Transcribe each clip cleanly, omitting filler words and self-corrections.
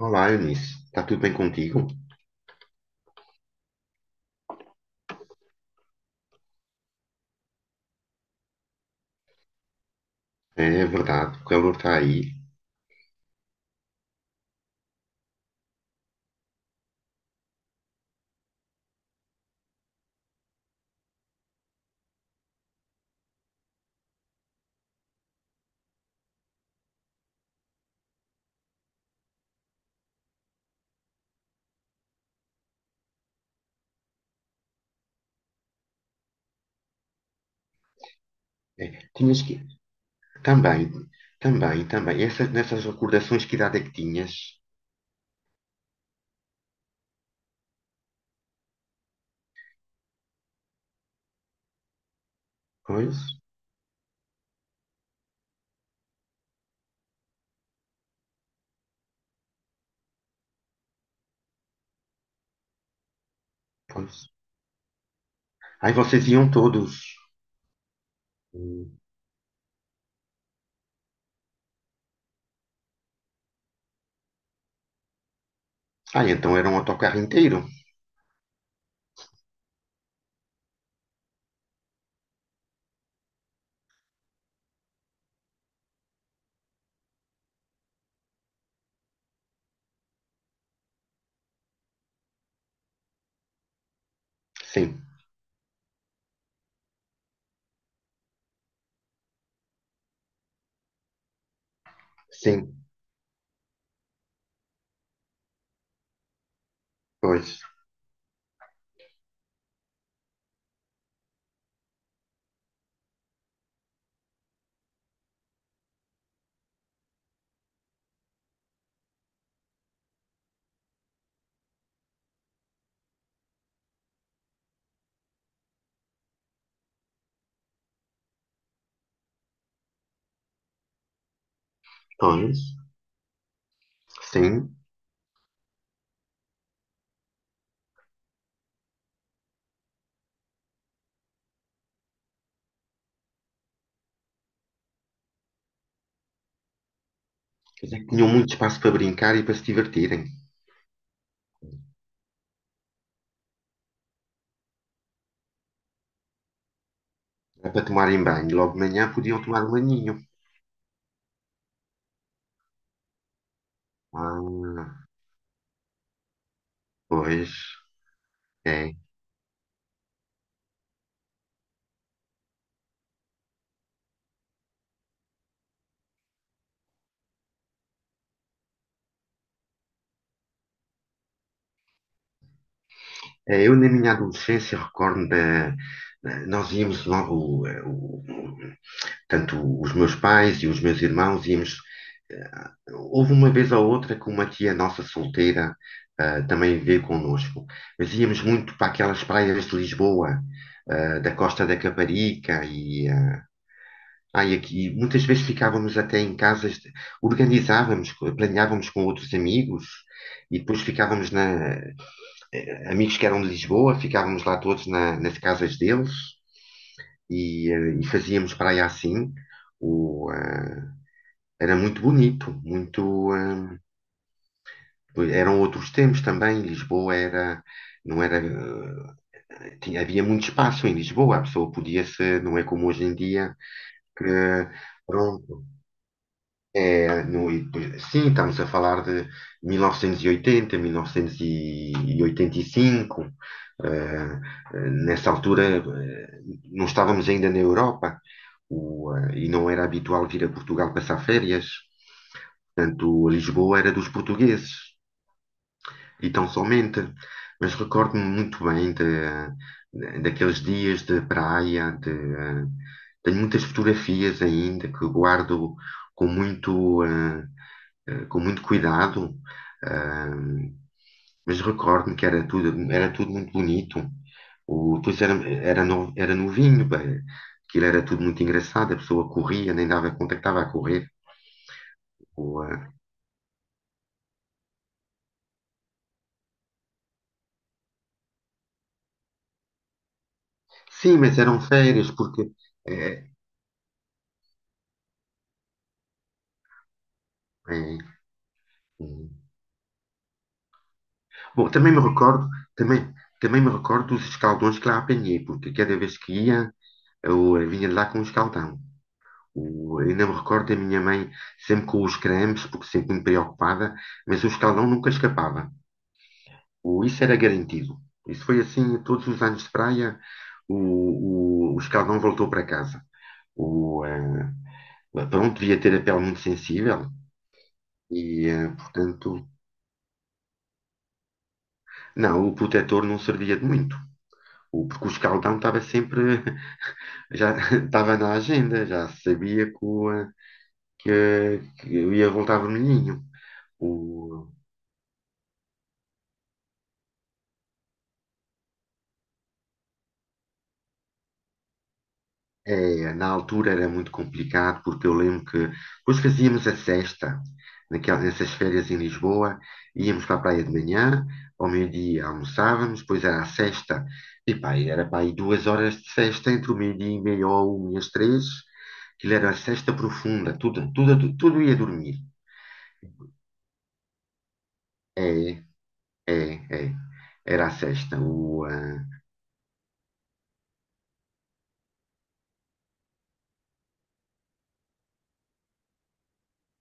Olá, Eunice. Está tudo bem contigo? É verdade, o calor está aí. É, tinhas que. Também, também. Essas, nessas recordações, que idade é que tinhas? Pois, pois. Ai, vocês iam todos. Hum. Ah, então era um autocarro inteiro? Sim, sim, pois, pois, sim. Quer dizer, que tinham muito espaço para brincar e para se divertirem. Era para tomarem banho. Logo de manhã podiam tomar um banhinho. Ah, pois, é. Eu, na minha adolescência, recordo da. Nós íamos logo, tanto os meus pais e os meus irmãos íamos. Houve uma vez ou outra que uma tia nossa solteira também veio connosco, mas íamos muito para aquelas praias de Lisboa, da Costa da Caparica e, e aqui muitas vezes ficávamos até em casas, organizávamos, planeávamos com outros amigos e depois ficávamos na amigos que eram de Lisboa, ficávamos lá todos nas casas deles. E e fazíamos praia assim. O, eh, Era muito bonito, muito. Eram outros tempos também. Lisboa era, não era, tinha, havia muito espaço em Lisboa. A pessoa podia ser, não é como hoje em dia que pronto, é, no, sim, estamos a falar de 1980, 1985. eh, Nessa altura, não estávamos ainda na Europa, e não era habitual vir a Portugal passar férias. Portanto, Lisboa era dos portugueses e tão somente. Mas recordo-me muito bem de, daqueles dias de praia, tenho muitas fotografias ainda que guardo com muito, com muito cuidado, eh, mas recordo-me que era tudo muito bonito. Pois era, era, era novinho, bem, aquilo era tudo muito engraçado, a pessoa corria, nem dava conta que estava a correr. O, eh, sim, mas eram férias, porque. eh, eh, Bom, também me recordo, também, também me recordo dos escaldões que lá apanhei, porque cada vez que ia, eu vinha de lá com um escaldão. Ainda me recordo da minha mãe sempre com os cremes, porque sempre me preocupada, mas o escaldão nunca escapava. Isso era garantido. Isso foi assim, todos os anos de praia, o escaldão voltou para casa. O, eh, Pronto, devia ter a pele muito sensível e, portanto, não, o protetor não servia de muito. Porque o escaldão estava sempre já estava na agenda, já sabia que, que eu ia voltar a Vermelhinho. O, É, na altura era muito complicado, porque eu lembro que depois fazíamos a sexta, naquela, nessas férias em Lisboa, íamos para a praia de manhã, ao meio-dia almoçávamos, depois era a sexta, e pá, e era para aí duas horas de sexta, entre o meio-dia e meia ou uma e as três, aquilo era a sexta profunda, tudo, tudo, tudo ia dormir. É, é, é. Era a sexta.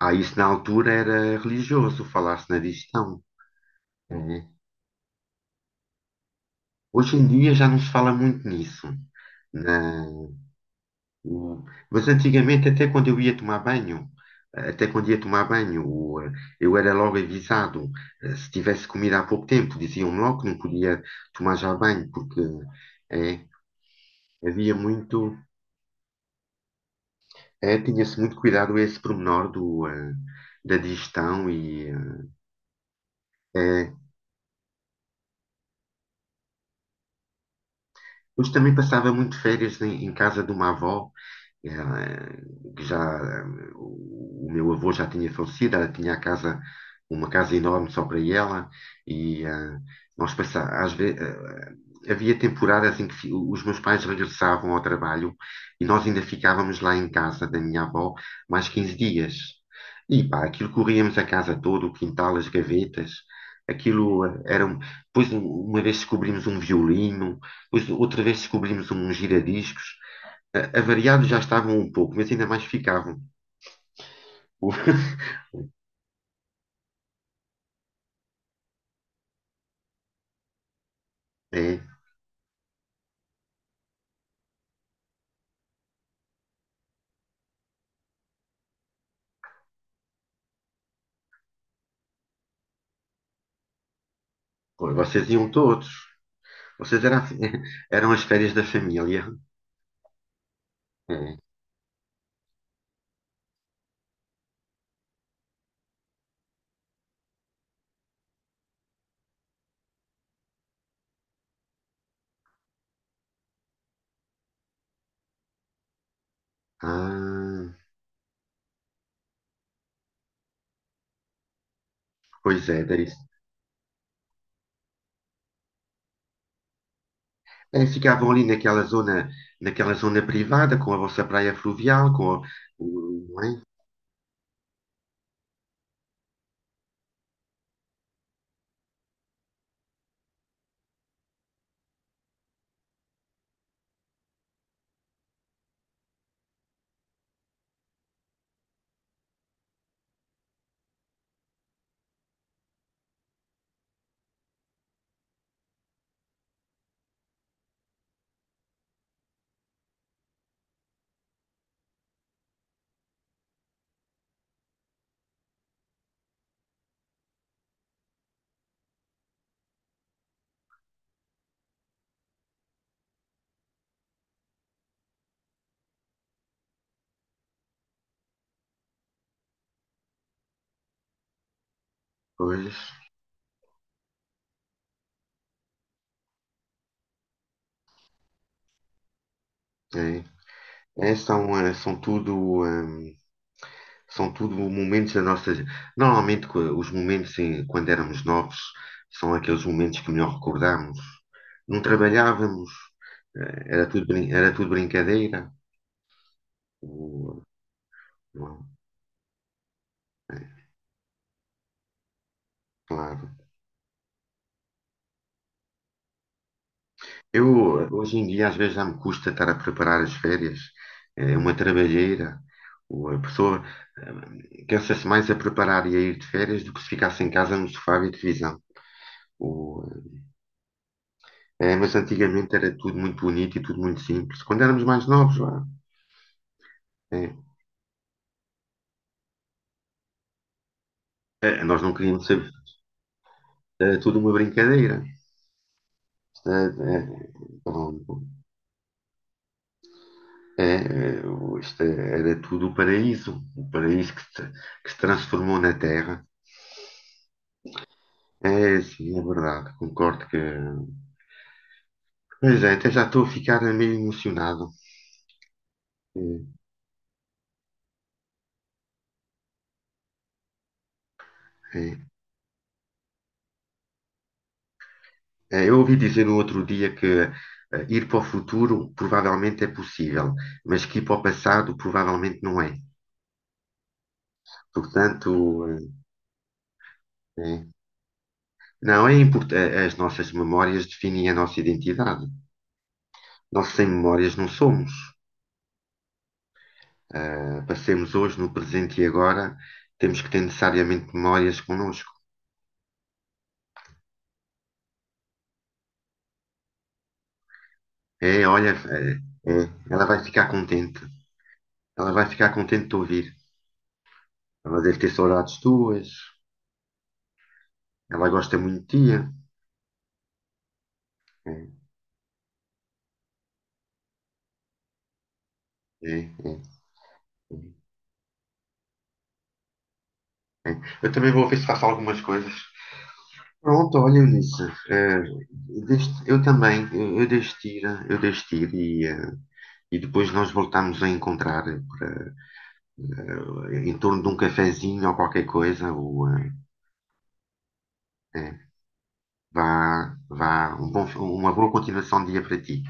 Ah, isso na altura era religioso falar-se na digestão. Né? Hoje em dia já não se fala muito nisso. Na- o- mas antigamente, até quando eu ia tomar banho, até quando ia tomar banho, eu era logo avisado. Se tivesse comido há pouco tempo, diziam-me logo que não podia tomar já banho, porque é, havia muito, é, tinha-se muito cuidado a esse pormenor do, da digestão e é, hoje também passava muito férias em, em casa de uma avó. eh, que já o meu avô já tinha falecido, ela tinha a casa, uma casa enorme só para ela, e nós havia temporadas em que os meus pais regressavam ao trabalho e nós ainda ficávamos lá em casa da minha avó mais 15 dias. E pá, aquilo corríamos a casa toda, o quintal, as gavetas, aquilo era. Depois, uma vez descobrimos um violino, depois outra vez descobrimos um giradiscos. Avariados já estavam um pouco, mas ainda mais ficavam. O- É, pô, vocês iam todos. Vocês eram, a- eram as férias da família. É. Ah, pois é, daí, daí ficavam ali naquela zona privada, com a vossa praia fluvial, com a, não é? Pois, é. São, são tudo momentos da nossa. Normalmente, os momentos quando éramos novos são aqueles momentos que melhor recordamos. Não trabalhávamos. Era tudo, era tudo brincadeira. O- não, é, claro. Eu, hoje em dia, às vezes já me custa estar a preparar as férias. É uma trabalheira. A pessoa cansa-se mais a preparar e a ir de férias do que se ficasse em casa no sofá e televisão. O- É, mas antigamente era tudo muito bonito e tudo muito simples. Quando éramos mais novos, vá, é, nós não queríamos saber. Era tudo uma brincadeira. Eh, eh, Pronto. É, é, isto é, era tudo o paraíso que se transformou na Terra. É, sim, é verdade, concordo que. Pois é, até já estou a ficar meio emocionado. É, é. É, eu ouvi dizer no outro dia que ir para o futuro provavelmente é possível, mas que ir para o passado provavelmente não é. Portanto, eh, é. Não, é importante. As nossas memórias definem a nossa identidade. Nós sem memórias não somos. Passemos hoje no presente e agora, temos que ter necessariamente memórias connosco. É, olha, é, é, ela vai ficar contente. Ela vai ficar contente de te ouvir. Ela deve ter saudades tuas. Ela gosta muito de ti. É, é, é, é, é. Eu também vou ver se faço algumas coisas. Pronto, olha, Eunice, eh, deixo- eu também, eu deixo-te ir e, e depois nós voltamos a encontrar para, em torno de um cafezinho ou qualquer coisa, ou, eh, vá, vá. Uma boa continuação de dia para ti.